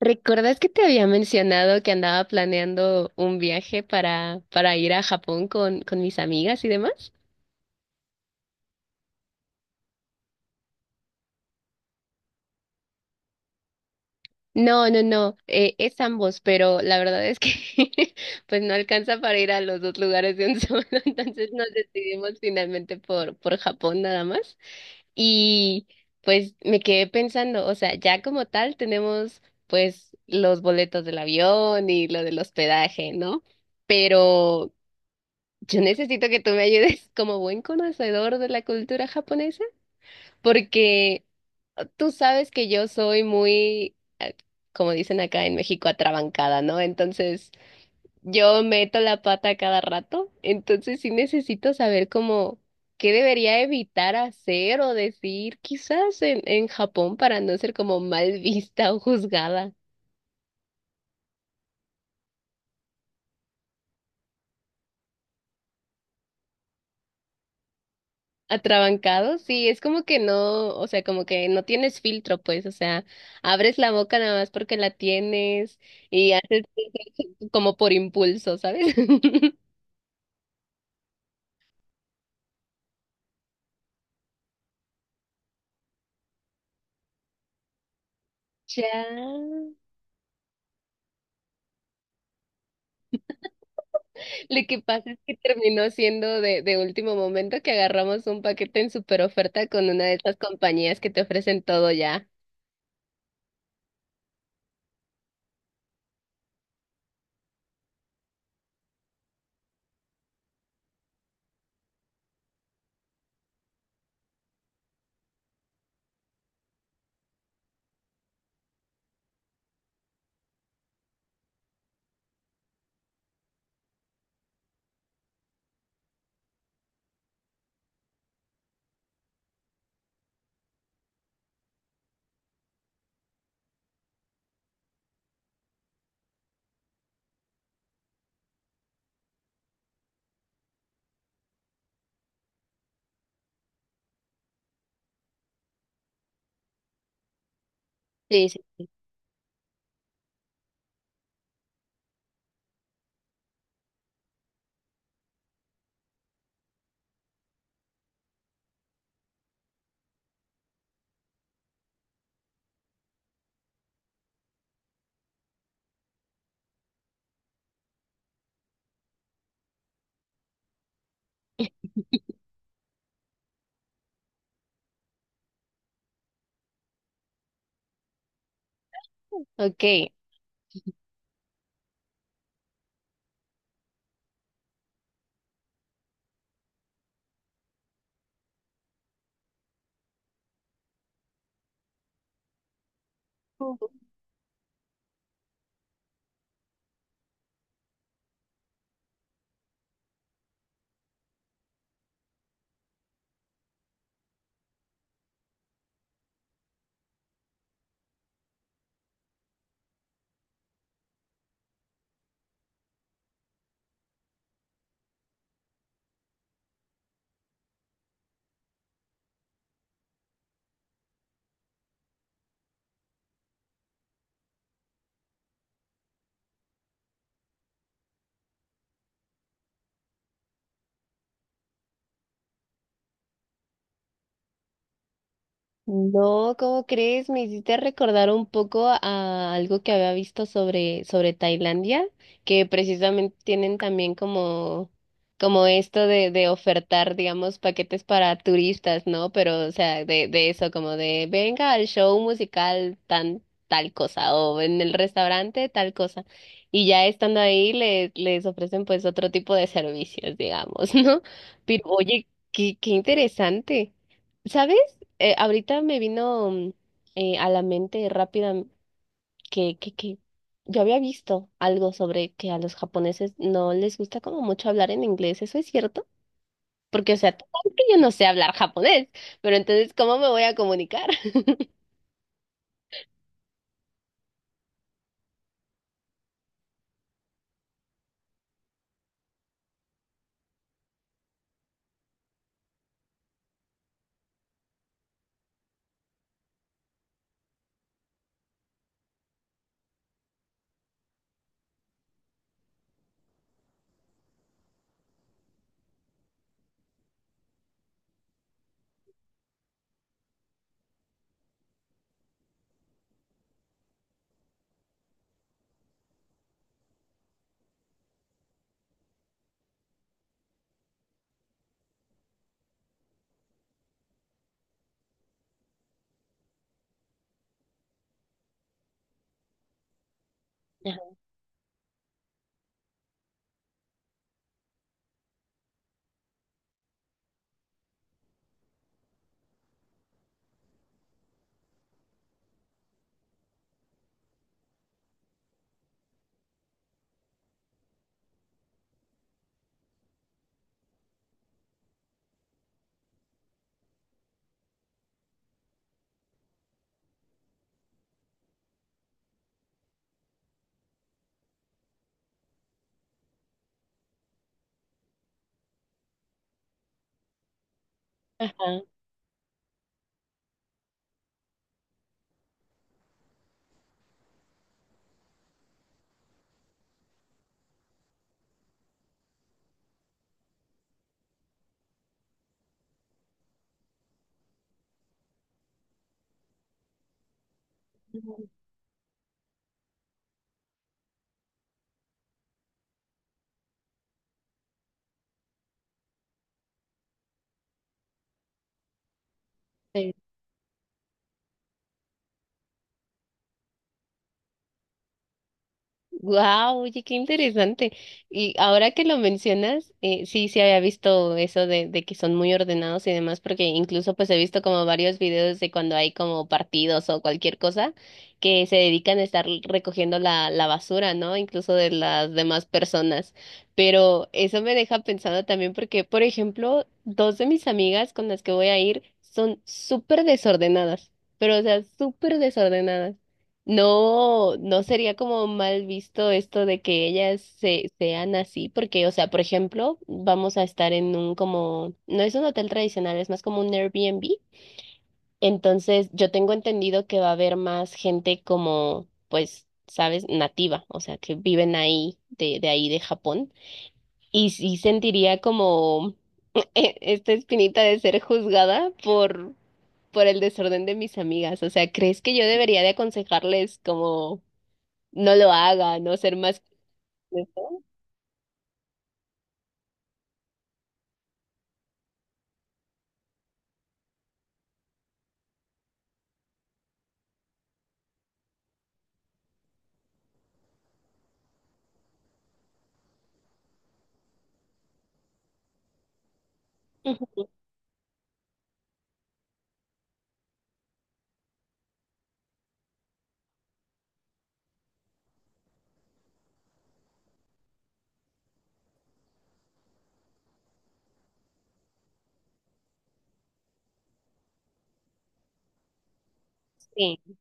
¿Recuerdas que te había mencionado que andaba planeando un viaje para ir a Japón con mis amigas y demás? No, es ambos, pero la verdad es que pues no alcanza para ir a los dos lugares de un solo, entonces nos decidimos finalmente por Japón nada más. Y pues me quedé pensando, o sea, ya como tal tenemos pues los boletos del avión y lo del hospedaje, ¿no? Pero yo necesito que tú me ayudes como buen conocedor de la cultura japonesa, porque tú sabes que yo soy muy, eh, como dicen acá en México, atrabancada, ¿no? Entonces, yo meto la pata cada rato, entonces sí necesito saber cómo qué debería evitar hacer o decir quizás en Japón para no ser como mal vista o juzgada. Atrabancado, sí, es como que no, o sea, como que no tienes filtro, pues, o sea, abres la boca nada más porque la tienes y haces como por impulso, ¿sabes? Ya. Lo que pasa es que terminó siendo de último momento que agarramos un paquete en super oferta con una de estas compañías que te ofrecen todo ya. Sí, sí. Ok. No, ¿cómo crees? Me hiciste recordar un poco a algo que había visto sobre Tailandia, que precisamente tienen también como, como esto de ofertar, digamos, paquetes para turistas, ¿no? Pero, o sea, de eso, como de venga al show musical tan tal cosa, o en el restaurante tal cosa. Y ya estando ahí les, les ofrecen pues otro tipo de servicios, digamos, ¿no? Pero oye, qué, qué interesante. ¿Sabes? Ahorita me vino a la mente rápida que yo había visto algo sobre que a los japoneses no les gusta como mucho hablar en inglés. ¿Eso es cierto? Porque, o sea, tú sabes que yo no sé hablar japonés, pero entonces, ¿cómo me voy a comunicar? Ajá. Ajá. Wow, oye, qué interesante. Y ahora que lo mencionas, sí, sí había visto eso de que son muy ordenados y demás, porque incluso pues he visto como varios videos de cuando hay como partidos o cualquier cosa que se dedican a estar recogiendo la, la basura, ¿no? Incluso de las demás personas. Pero eso me deja pensando también porque, por ejemplo, dos de mis amigas con las que voy a ir son súper desordenadas, pero o sea, súper desordenadas. No, no sería como mal visto esto de que ellas se, sean así, porque, o sea, por ejemplo, vamos a estar en un como, no es un hotel tradicional, es más como un Airbnb. Entonces, yo tengo entendido que va a haber más gente como, pues, sabes, nativa, o sea, que viven ahí, de ahí de Japón. Y sí sentiría como esta espinita de ser juzgada por el desorden de mis amigas. O sea, ¿crees que yo debería de aconsejarles como no lo haga, no ser más. Ujú, sí,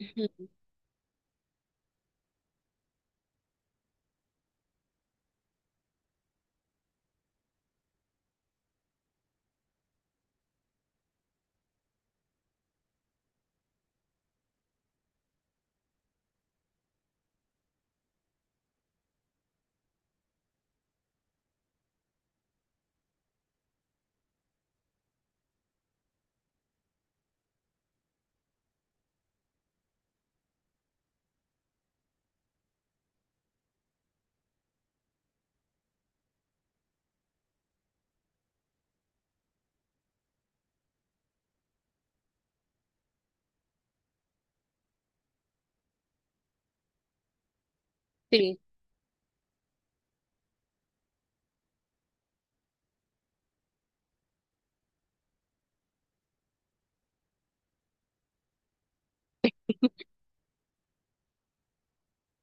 ujú, sí.